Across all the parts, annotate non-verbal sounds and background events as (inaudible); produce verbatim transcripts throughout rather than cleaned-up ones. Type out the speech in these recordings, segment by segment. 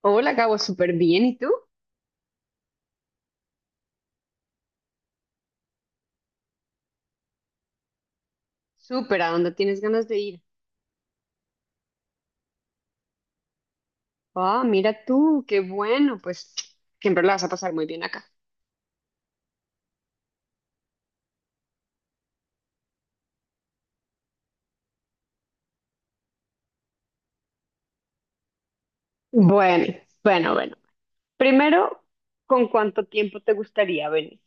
Hola, Gabo, súper bien. ¿Y tú? Súper, ¿a dónde tienes ganas de ir? Ah, mira tú, qué bueno, pues siempre la vas a pasar muy bien acá. Bueno, bueno, bueno. Primero, ¿con cuánto tiempo te gustaría venir?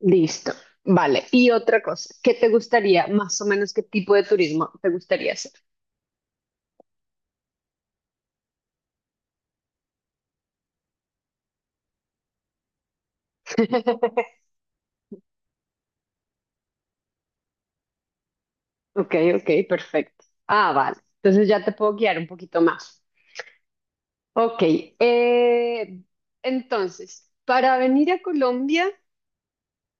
Listo, vale. Y otra cosa, ¿qué te gustaría, más o menos qué tipo de turismo te gustaría hacer? (laughs) Ok, ok, perfecto. Ah, vale. Entonces ya te puedo guiar un poquito más. Ok, eh, entonces, para venir a Colombia...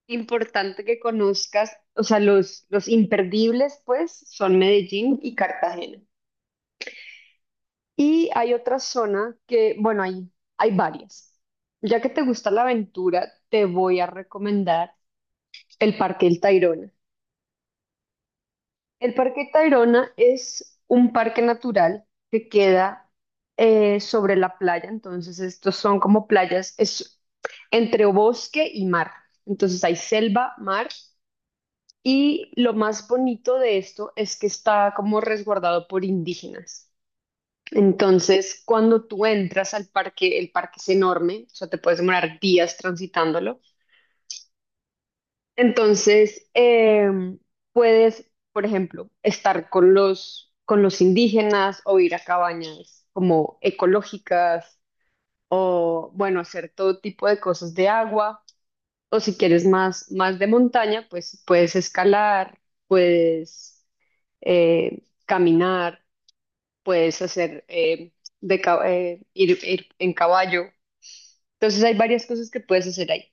Importante que conozcas, o sea, los, los imperdibles, pues, son Medellín y Cartagena. Y hay otra zona que, bueno, hay, hay varias. Ya que te gusta la aventura, te voy a recomendar el Parque El Tayrona. El Parque Tayrona es un parque natural que queda eh, sobre la playa, entonces estos son como playas, es entre bosque y mar. Entonces hay selva, mar. Y lo más bonito de esto es que está como resguardado por indígenas. Entonces, cuando tú entras al parque, el parque es enorme, o sea, te puedes demorar días transitándolo. Entonces, em, puedes, por ejemplo, estar con los, con los indígenas o ir a cabañas como ecológicas o, bueno, hacer todo tipo de cosas de agua. O si quieres más, más de montaña, pues puedes escalar, puedes eh, caminar, puedes hacer eh, de, ca- eh, ir, ir en caballo. Entonces hay varias cosas que puedes hacer ahí.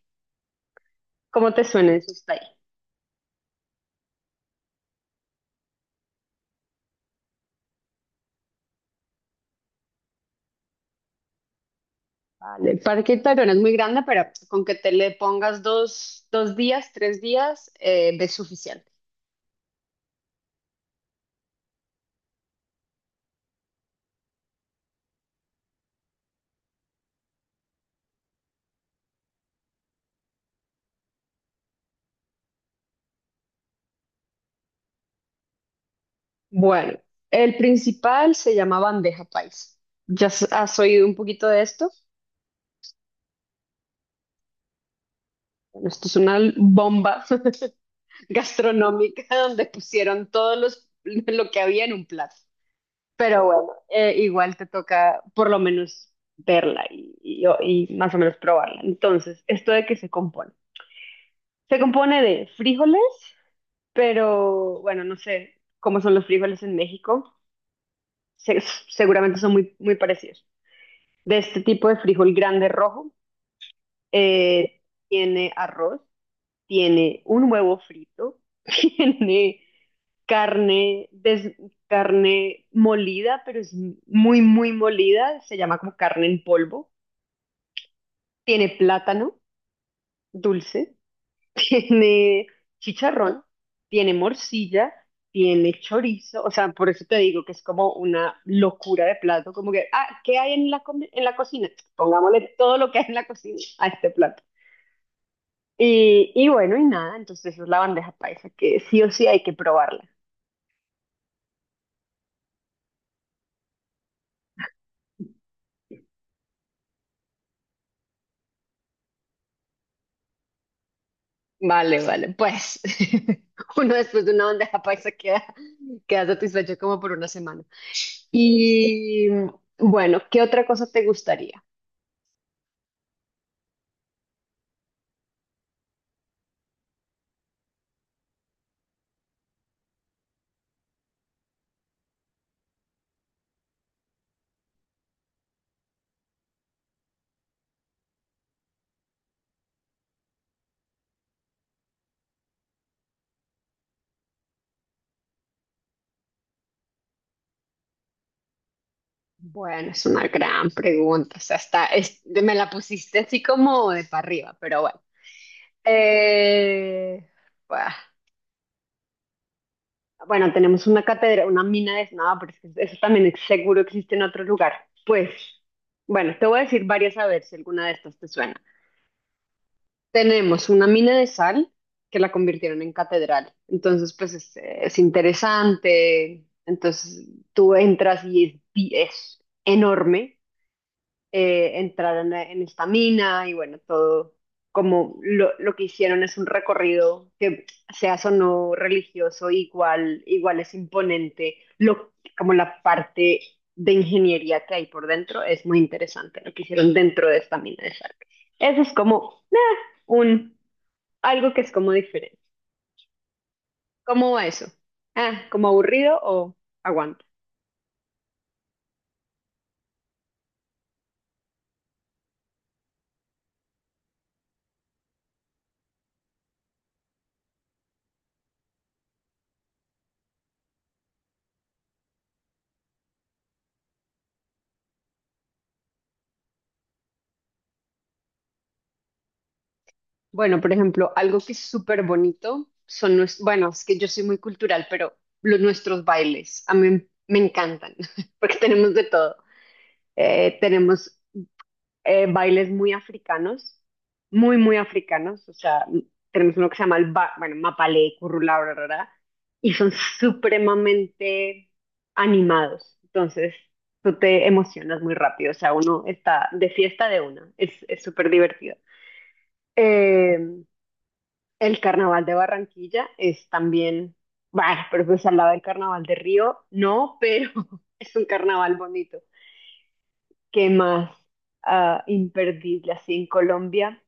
¿Cómo te suena eso está ahí? Vale, el Parque Tayrona es muy grande, pero con que te le pongas dos, dos días, tres días, eh, es suficiente. Bueno, el principal se llama bandeja paisa. ¿Ya s- has oído un poquito de esto? Bueno, esto es una bomba (laughs) gastronómica donde pusieron todo los, lo que había en un plato. Pero bueno, eh, igual te toca por lo menos verla y, y- y más o menos probarla. Entonces, ¿esto de qué se compone? Se compone de frijoles, pero bueno, no sé cómo son los frijoles en México. Se- seguramente son muy, muy parecidos. De este tipo de frijol grande rojo, eh, tiene arroz, tiene un huevo frito, (laughs) tiene carne, des- carne molida, pero es muy, muy molida, se llama como carne en polvo, tiene plátano dulce, (laughs) tiene chicharrón, tiene morcilla, tiene chorizo, o sea, por eso te digo que es como una locura de plato, como que, ah, ¿qué hay en la, comi- en la cocina? Pongámosle todo lo que hay en la cocina (laughs) a este plato. Y, y bueno, y nada, entonces esa es la bandeja paisa, que sí o sí hay que probarla. Vale, vale. Pues (laughs) uno después de una bandeja paisa queda, queda satisfecho como por una semana. Y bueno, ¿qué otra cosa te gustaría? Bueno, es una gran pregunta. O sea, está, es- me la pusiste así como de para arriba, pero bueno. Eh, bah, bueno, tenemos una cátedra, una mina de nada, pero es que eso también es- seguro existe en otro lugar. Pues, bueno, te voy a decir varias a ver si alguna de estas te suena. Tenemos una mina de sal que la convirtieron en catedral. Entonces, pues es, es interesante. Entonces, tú entras y es, bi- es enorme, eh, entraron a- en esta mina y bueno, todo como lo, lo que hicieron es un recorrido que seas o no religioso, igual, igual es imponente, lo, como la parte de ingeniería que hay por dentro es muy interesante, lo que hicieron dentro de esta mina de sal. Eso es como eh, un, algo que es como diferente. ¿Cómo va eso? Ah, ¿como aburrido o aguanto? Bueno, por ejemplo, algo que es súper bonito son nuestros, bueno, es que yo soy muy cultural, pero los nuestros bailes a mí me encantan (laughs) porque tenemos de todo. Eh, tenemos eh, bailes muy africanos, muy, muy africanos. O sea, tenemos uno que se llama el ba- bueno, mapalé, currulá, bla, bla, bla, y son supremamente animados. Entonces, tú te emocionas muy rápido. O sea, uno está de fiesta de una. Es, es súper divertido. Eh, el carnaval de Barranquilla es también, bueno, pero pues al lado del carnaval de Río, no, pero (laughs) es un carnaval bonito. ¿Qué más? Ah, imperdible así en Colombia.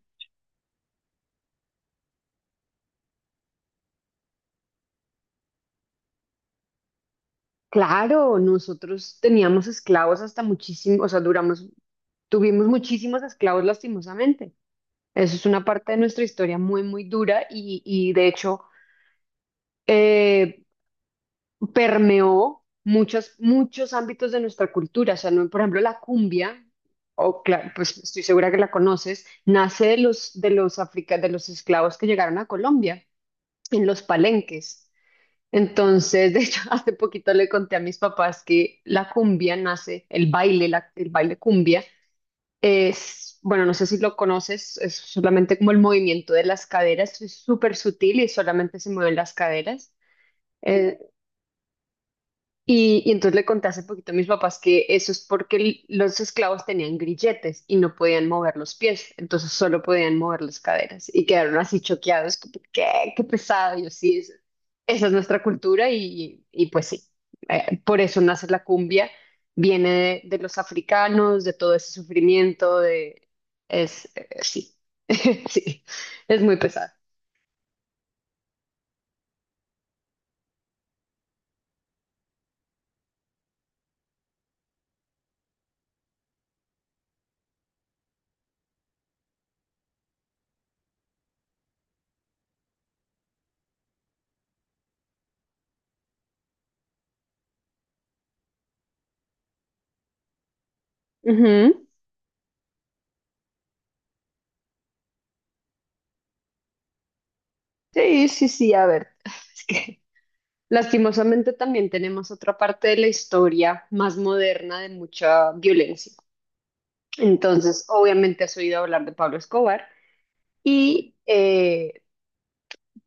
Claro, nosotros teníamos esclavos hasta muchísimo, o sea, duramos, tuvimos muchísimos esclavos lastimosamente. Eso es una parte de nuestra historia muy, muy dura y, y de hecho, eh, permeó muchos, muchos ámbitos de nuestra cultura. O sea, no, por ejemplo, la cumbia, o cla- pues estoy segura que la conoces, nace de los, de los africa- de los esclavos que llegaron a Colombia, en los palenques. Entonces, de hecho, (laughs) hace poquito le conté a mis papás que la cumbia nace, el baile, la- el baile cumbia, es, bueno, no sé si lo conoces, es solamente como el movimiento de las caderas, es súper sutil y solamente se mueven las caderas. Eh, Y, y entonces le conté hace poquito a mis papás que eso es porque l- los esclavos tenían grilletes y no podían mover los pies, entonces solo podían mover las caderas y quedaron así choqueados, como, ¿qué? Qué pesado. Y yo sí, es- esa es nuestra cultura y, y pues sí, eh, por eso nace la cumbia, viene de, de los africanos, de todo ese sufrimiento, de... es, eh, sí, (laughs) sí, es muy pesado. Ujú. Sí, sí, sí, a ver, (laughs) (sighs) es que... Lastimosamente también tenemos otra parte de la historia más moderna de mucha violencia. Entonces, obviamente has oído hablar de Pablo Escobar y eh,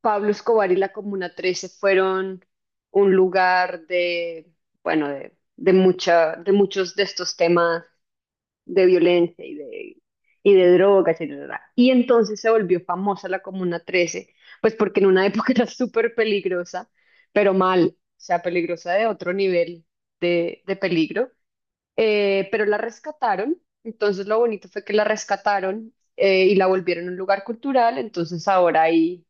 Pablo Escobar y la Comuna trece fueron un lugar de, bueno, de, de mucha, de muchos de estos temas de violencia y de, y de drogas. Y, bla, bla, y entonces se volvió famosa la Comuna trece, pues porque en una (laughs) época era súper peligrosa, pero mal, o sea, peligrosa de otro nivel de, de peligro. Eh, pero la rescataron, entonces lo bonito fue que la rescataron, eh, y la volvieron un lugar cultural, entonces ahora hay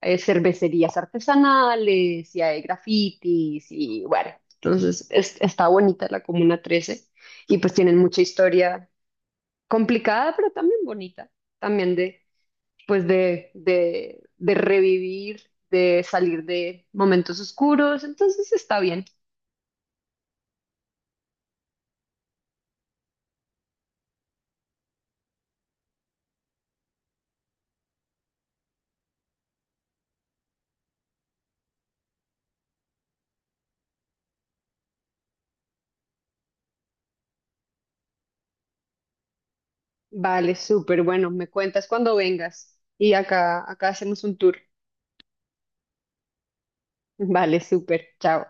eh, cervecerías artesanales y hay grafitis y bueno, entonces es- está bonita la Comuna trece y pues tienen mucha historia complicada, pero también bonita, también de, pues de, de, de revivir, de salir de momentos oscuros, entonces está bien. Vale, súper, bueno, me cuentas cuando vengas y acá, acá hacemos un tour. Vale, súper, chao.